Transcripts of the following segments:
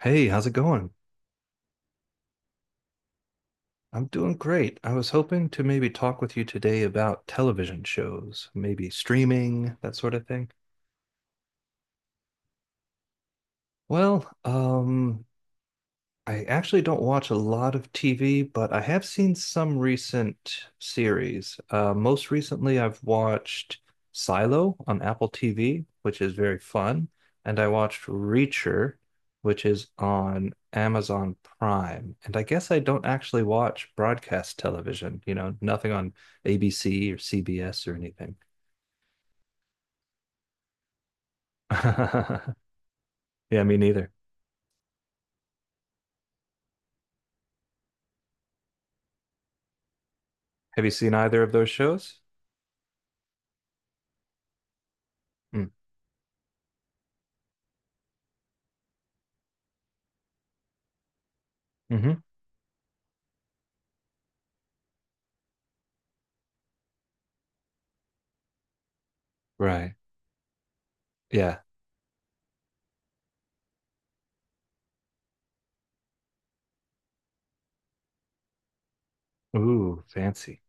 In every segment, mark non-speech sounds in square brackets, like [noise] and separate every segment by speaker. Speaker 1: Hey, how's it going? I'm doing great. I was hoping to maybe talk with you today about television shows, maybe streaming, that sort of thing. Well, um, I actually don't watch a lot of TV, but I have seen some recent series. Most recently, I've watched Silo on Apple TV, which is very fun, and I watched Reacher, which is on Amazon Prime. And I guess I don't actually watch broadcast television, you know, nothing on ABC or CBS or anything. [laughs] Yeah, me neither. Have you seen either of those shows? Mm, hmm. Right. Yeah. Ooh, fancy.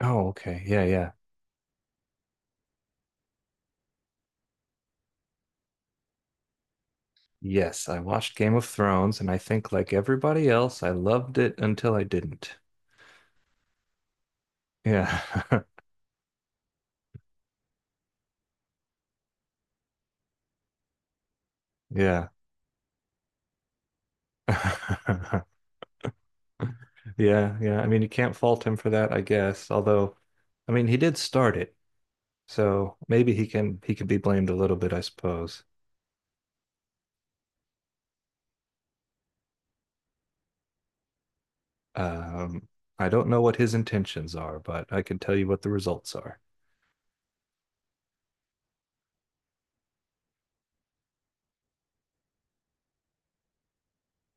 Speaker 1: Oh, okay. Yeah, yeah. Yes, I watched Game of Thrones, and I think, like everybody else, I loved it until I didn't. Yeah. [laughs] Yeah. [laughs] Yeah, yeah. I mean, you can't fault him for that, I guess. Although, I mean, he did start it, so maybe he can be blamed a little bit, I suppose. Um, I don't know what his intentions are, but I can tell you what the results are.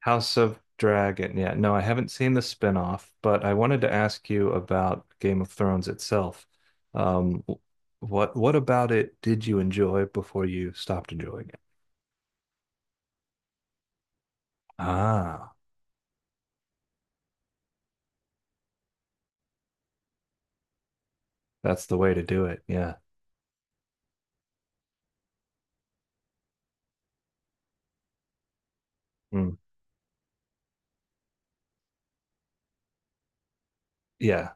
Speaker 1: House of Dragon. Yeah, no, I haven't seen the spin-off, but I wanted to ask you about Game of Thrones itself. Um, w- what about it did you enjoy before you stopped enjoying it? Ah, that's the way to do it. Yeah. Mm. Yeah.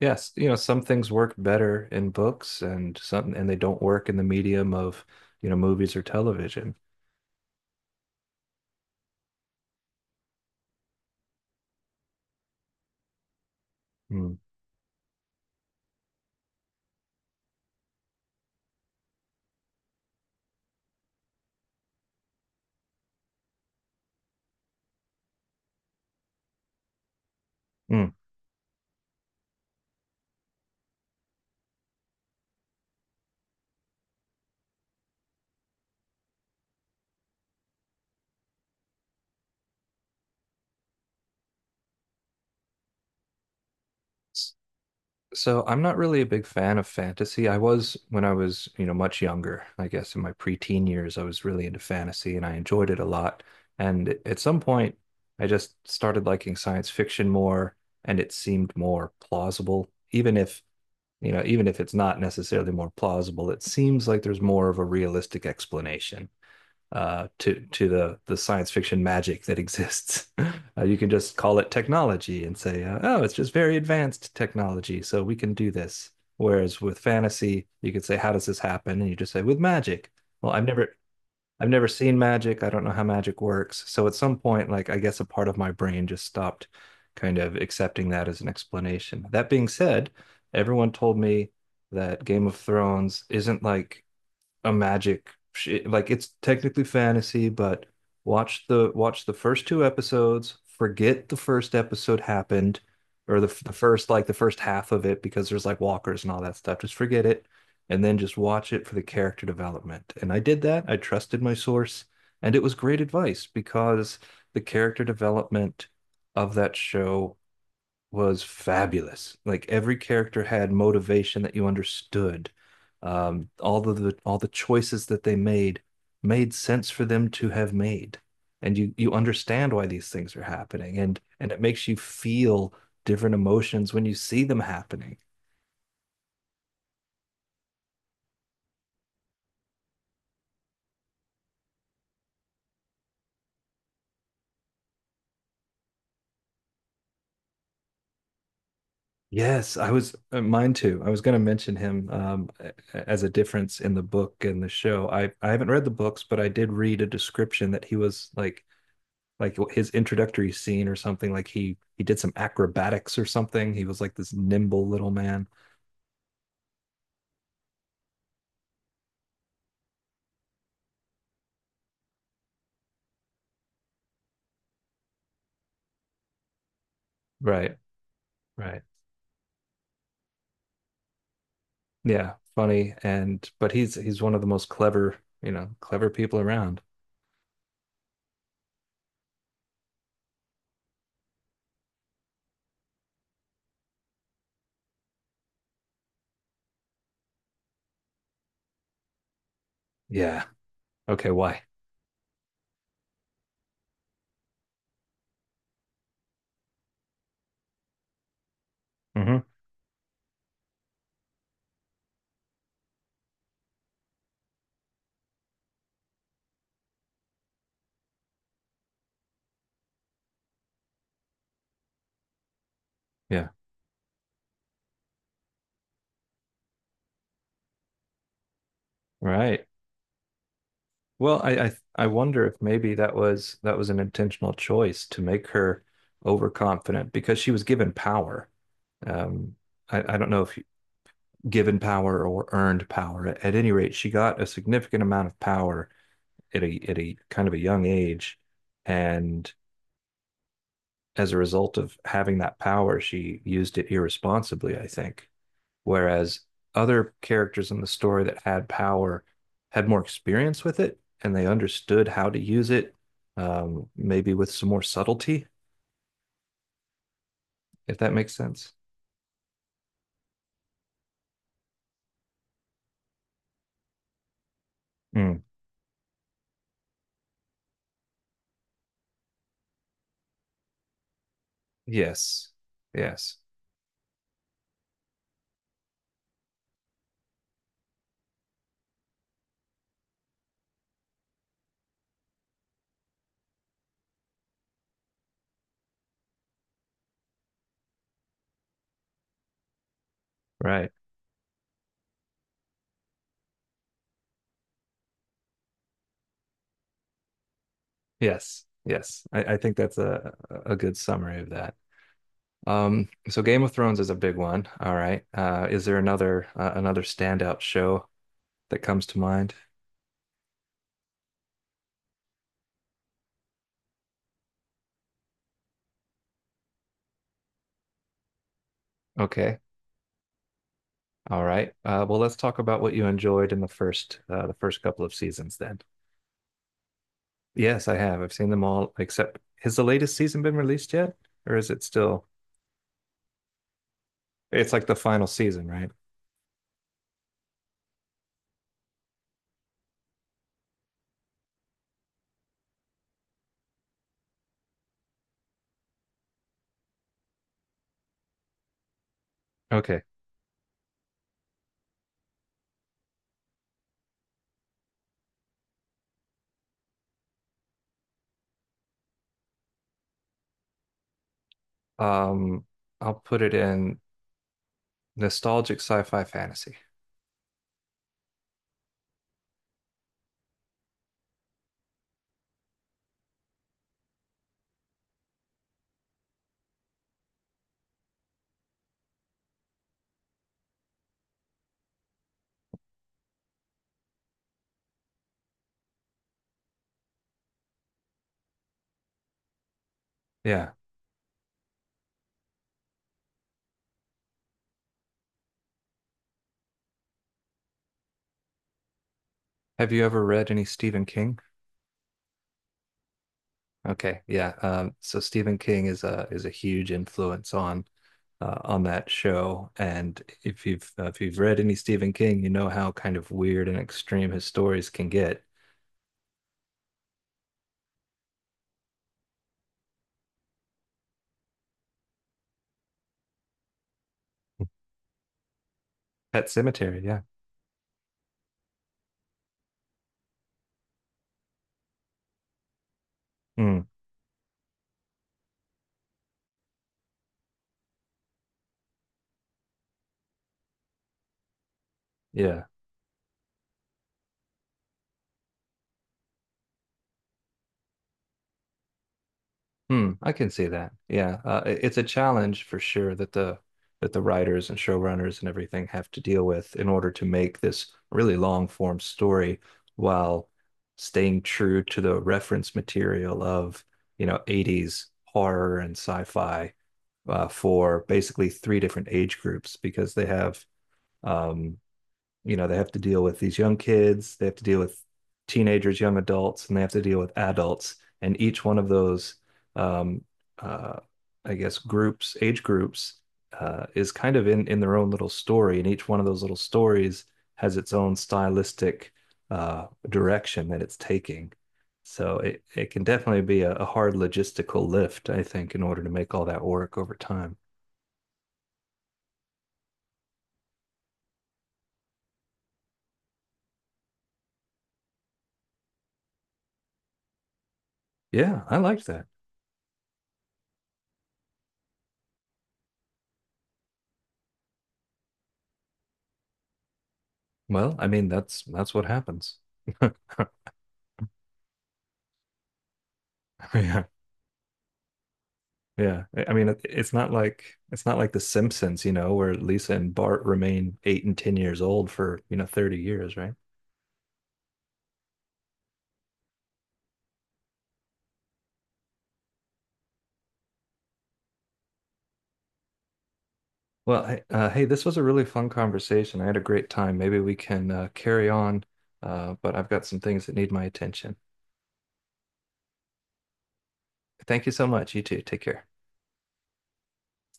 Speaker 1: Yes, you know, some things work better in books and some and they don't work in the medium of, you know, movies or television. Mm. Mm. So I'm not really a big fan of fantasy. I was when I was, you know, much younger. I guess in my preteen years, I was really into fantasy and I enjoyed it a lot. And at some point, I just started liking science fiction more and it seemed more plausible. Even if, you know, even if it's not necessarily more plausible, it seems like there's more of a realistic explanation to the science fiction magic that exists. [laughs] You can just call it technology and say, "Oh, it's just very advanced technology, so we can do this." Whereas with fantasy, you could say, "How does this happen?" And you just say, "With magic." Well, I've never I've never seen magic. I don't know how magic works. So at some point, like I guess a part of my brain just stopped kind of accepting that as an explanation. That being said, everyone told me that Game of Thrones isn't like a like it's technically fantasy, but watch the first two episodes, forget the first episode happened or the first half of it because there's like walkers and all that stuff. Just forget it and then just watch it for the character development. And I did that. I trusted my source and it was great advice because the character development of that show was fabulous. Like every character had motivation that you understood. All the choices that they made made sense for them to have made. And you understand why these things are happening and it makes you feel different emotions when you see them happening. Yes, I was mine too. I was going to mention him as a difference in the book and the show. I haven't read the books, but I did read a description that he was like his introductory scene or something like he did some acrobatics or something he was like this nimble little man. Right, right. Yeah, funny, and but he's one of the most clever, you know, clever people around. Yeah, okay, why? Hmm. Right. Well, I, I wonder if maybe that was an intentional choice to make her overconfident because she was given power. Um i, I don't know if given power or earned power at any rate she got a significant amount of power at a kind of a young age, and as a result of having that power, she used it irresponsibly, I think. Whereas other characters in the story that had power had more experience with it and they understood how to use it, maybe with some more subtlety, if that makes sense. Mm. Yes. Yes. Right. Yes. Yes. I think that's a good summary of that. So Game of Thrones is a big one. All right. Is there another another standout show that comes to mind? Okay. All right. Well, let's talk about what you enjoyed in the first couple of seasons then. Yes, I have. I've seen them all except has the latest season been released yet? Or is it still it's like the final season, right? Okay. Um, I'll put it in nostalgic sci-fi fantasy. Yeah. Have you ever read any Stephen King? Okay, yeah. So Stephen King is a huge influence on that show, and if you've read any Stephen King, you know how kind of weird and extreme his stories can get. Pet Cemetery, yeah. Mm, yeah. Hmm, I can see that. Yeah, it's a challenge for sure that the writers and showrunners and everything have to deal with in order to make this really long form story while staying true to the reference material of, you know, 80s horror and sci-fi for basically three different age groups because they have um, you know, they have to deal with these young kids, they have to deal with teenagers, young adults, and they have to deal with adults. And each one of those, um, uh, I guess, groups, age groups, is kind of in their own little story, and each one of those little stories has its own stylistic direction that it's taking. So it can definitely be a hard logistical lift, I think, in order to make all that work over time. Yeah, I like that. Well, I mean, that's what happens. [laughs] Yeah. Yeah, I mean, it's not like The Simpsons, you know, where Lisa and Bart remain 8 and 10 years old for, you know, 30 years, right? Well, hey, hey, this was a really fun conversation. I had a great time. Maybe we can carry on, but I've got some things that need my attention. Thank you so much. You too. Take care.